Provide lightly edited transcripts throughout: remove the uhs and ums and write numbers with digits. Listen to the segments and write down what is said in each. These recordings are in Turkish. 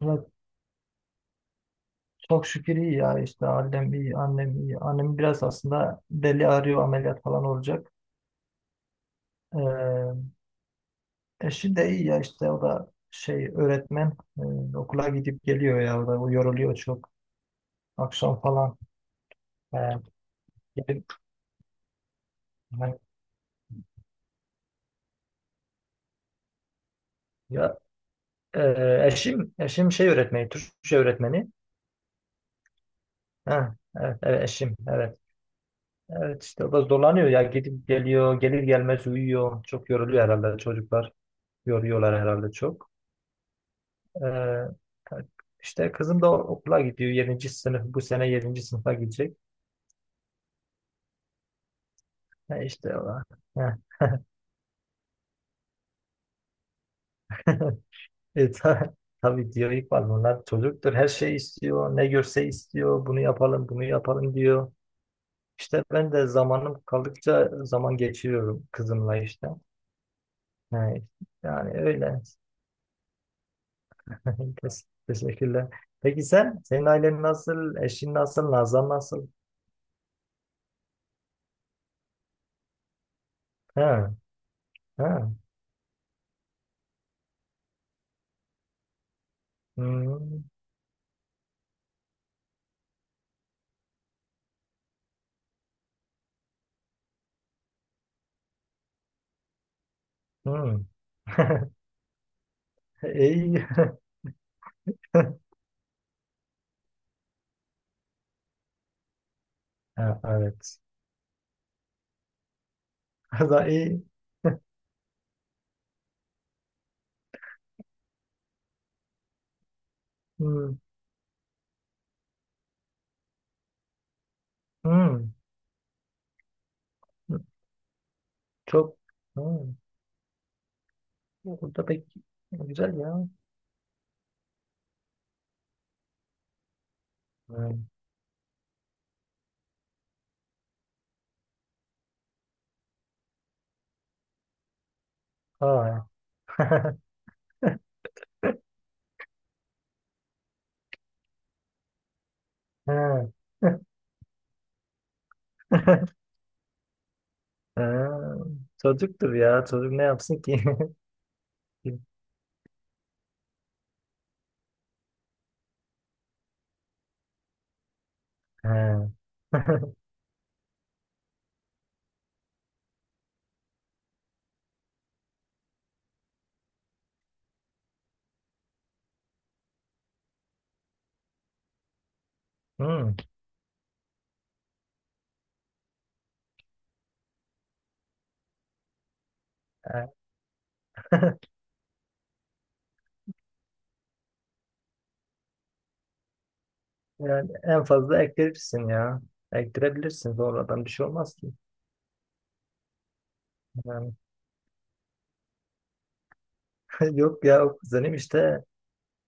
Valla, çok şükür iyi ya işte. Annem iyi. Annem biraz aslında deli arıyor, ameliyat falan olacak. ee, Eşi de iyi ya işte. O da şey öğretmen. Okula gidip geliyor ya, o da o yoruluyor çok akşam falan. ee, gelip- Hani ya, eşim şey öğretmeni Türkçe öğretmeni. Ha, evet, evet, eşim, evet. Evet işte, o da zorlanıyor ya. Gidip geliyor, gelir gelmez uyuyor, çok yoruluyor herhalde. Çocuklar yoruyorlar herhalde çok. Ee, işte kızım da okula gidiyor. Yedinci sınıf, bu sene yedinci sınıfa gidecek. Ha, işte o. Ha. E, ta- tabii diyor İkbal, bunlar çocuktur. Her şey istiyor. Ne görse istiyor. Bunu yapalım, bunu yapalım diyor. İşte ben de zamanım kaldıkça zaman geçiriyorum kızımla işte. Ha, yani öyle. Teşekkürler. Peki sen? Senin ailen nasıl? Eşin nasıl? Nazan nasıl? Ha, ha. Hmm, hmm. İyi. Ha, evet. Hatta iyi. Hmm, hmm. Çok. Hmm. Burada pek güzel ya. Hmm. Ha. Ha. Ha. Çocuktur ya. Çocuk ne yapsın ki? Ha. Hmm. Ha. Yani en fazla ektirirsin ya. Ektirebilirsin, sonradan bir şey olmaz ki. Yani, yok ya, o kuzenim işte.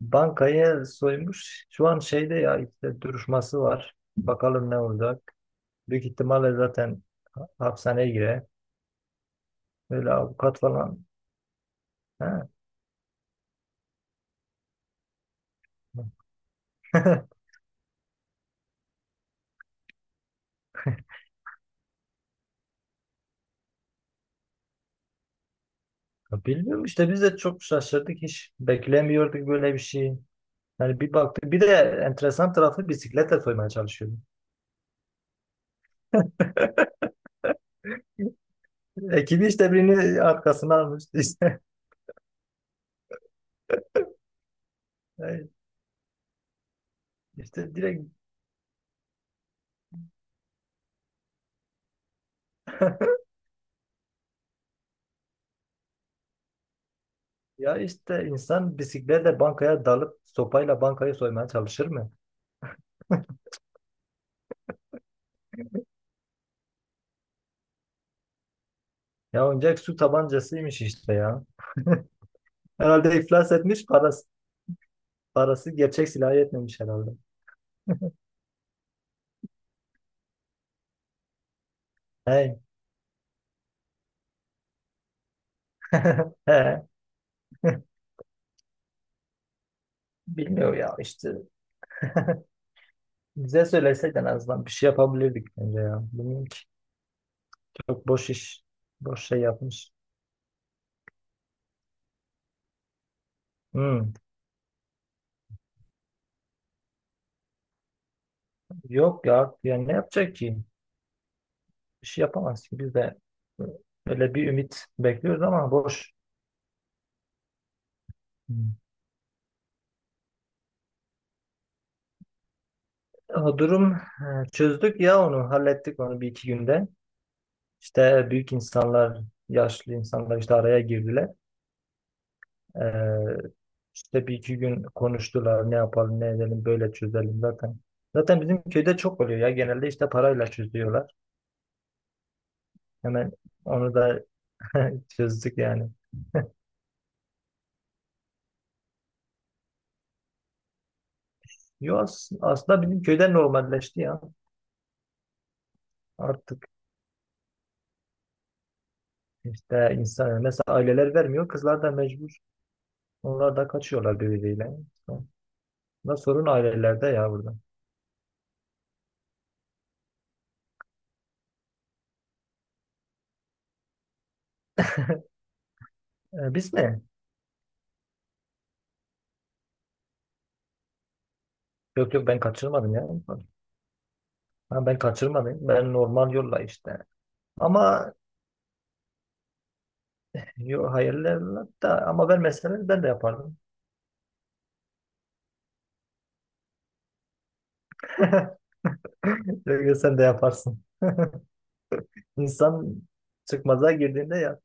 Bankayı soymuş. Şu an şeyde ya, işte duruşması var. Bakalım ne olacak. Büyük ihtimalle zaten hapishaneye girer. Öyle avukat falan. He. Ya, bilmiyorum işte, biz de çok şaşırdık, hiç beklemiyorduk böyle bir şey. Yani bir baktık, bir de enteresan tarafı bisikletle soymaya çalışıyordu. Ekibi işte birini arkasına almış işte. Yani. İşte direkt, ya işte insan bisikletle bankaya dalıp sopayla bankayı soymaya çalışır mı? Ya oyuncak su tabancasıymış işte ya. Herhalde iflas etmiş parası. Parası gerçek silahı yetmemiş herhalde. Hey. He. Bilmiyor ya işte. Bize söyleseydin en azından bir şey yapabilirdik bence ya. Bilmiyorum ki. Çok boş iş. Boş şey yapmış. Hmm. Yok ya. Yani ne yapacak ki? Bir şey yapamaz ki. Biz de öyle bir ümit bekliyoruz ama boş. Hmm. O durum, çözdük ya onu. Hallettik onu bir iki günde. İşte büyük insanlar, yaşlı insanlar işte araya girdiler. Ee, işte bir iki gün konuştular. Ne yapalım, ne edelim, böyle çözelim zaten. Zaten bizim köyde çok oluyor ya. Genelde işte parayla çözüyorlar. Hemen onu da çözdük yani. Yo, aslında bizim köyde normalleşti ya. Artık işte insan, mesela aileler vermiyor. Kızlar da mecbur. Onlar da kaçıyorlar birbiriyle. Ama sorun ailelerde ya burada. Biz mi? Yok, yok, ben kaçırmadım ya. Ha, ben kaçırmadım. Ben normal yolla işte. Ama yo, hayırlı da, ama ben mesela ben de yapardım. Çünkü sen de yaparsın. İnsan çıkmaza girdiğinde yap.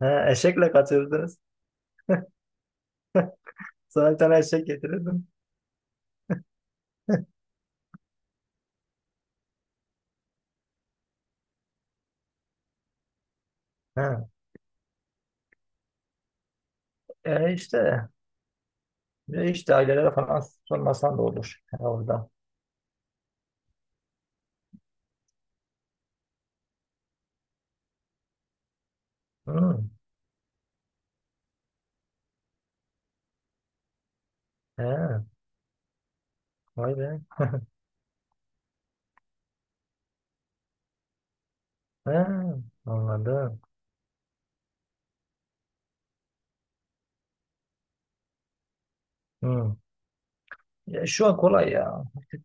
Ha, eşekle kaçırdınız. Sana bir tane eşek getirirdim. Ha. E işte e işte ailelere falan sormasan da olur ha, orada. Hı. He. Vay be. He. Anladım. Hı. Ya şu an kolay ya. Artık,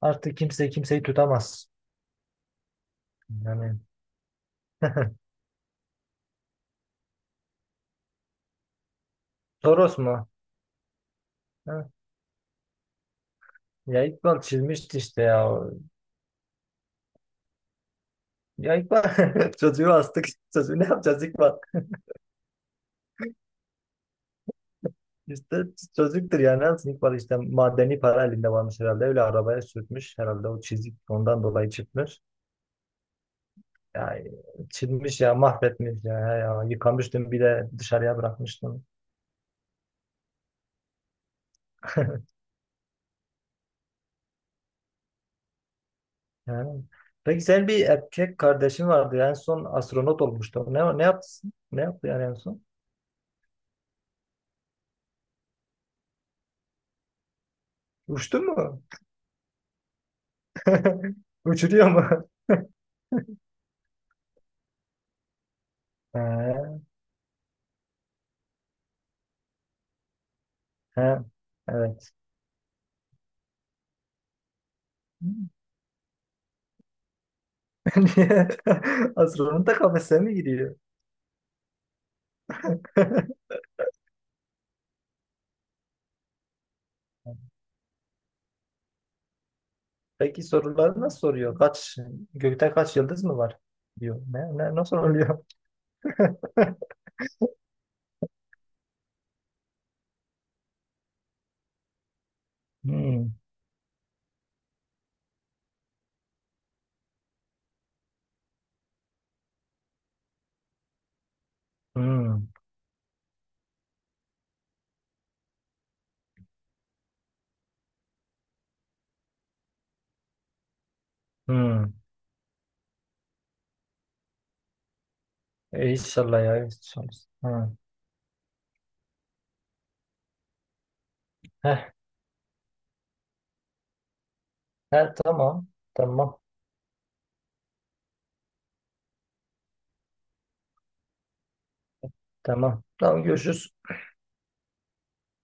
artık kimse kimseyi tutamaz. Yani. Toros mu? Ha. Ya İkbal çizmişti işte ya. Ya İkbal çocuğu astık. Çocuğu ne yapacağız İkbal? İşte çocuktur yani. Ne yapsın İkbal? İşte madeni para elinde varmış herhalde. Öyle arabaya sürtmüş. Herhalde o çizik ondan dolayı çıkmış. Ya çizmiş, ya mahvetmiş ya. Ya yıkamıştım, bir de dışarıya bırakmıştım. Yani. Peki senin bir erkek kardeşin vardı. En son astronot olmuştu. Ne, ne yaptı? Ne yaptı yani en son? Uçtu mu? Uçuruyor mu? He, he, evet. Niye? Astronot da kafese mi gidiyor? Peki soruları nasıl soruyor? Kaç, gökte kaç yıldız mı var? Diyor. Ne, ne nasıl oluyor? Hmm, hmm, hmm. İnşallah ya. İnşallah. Ha. Heh, ha, tamam. Tamam. Tamam. Tamam, görüşürüz.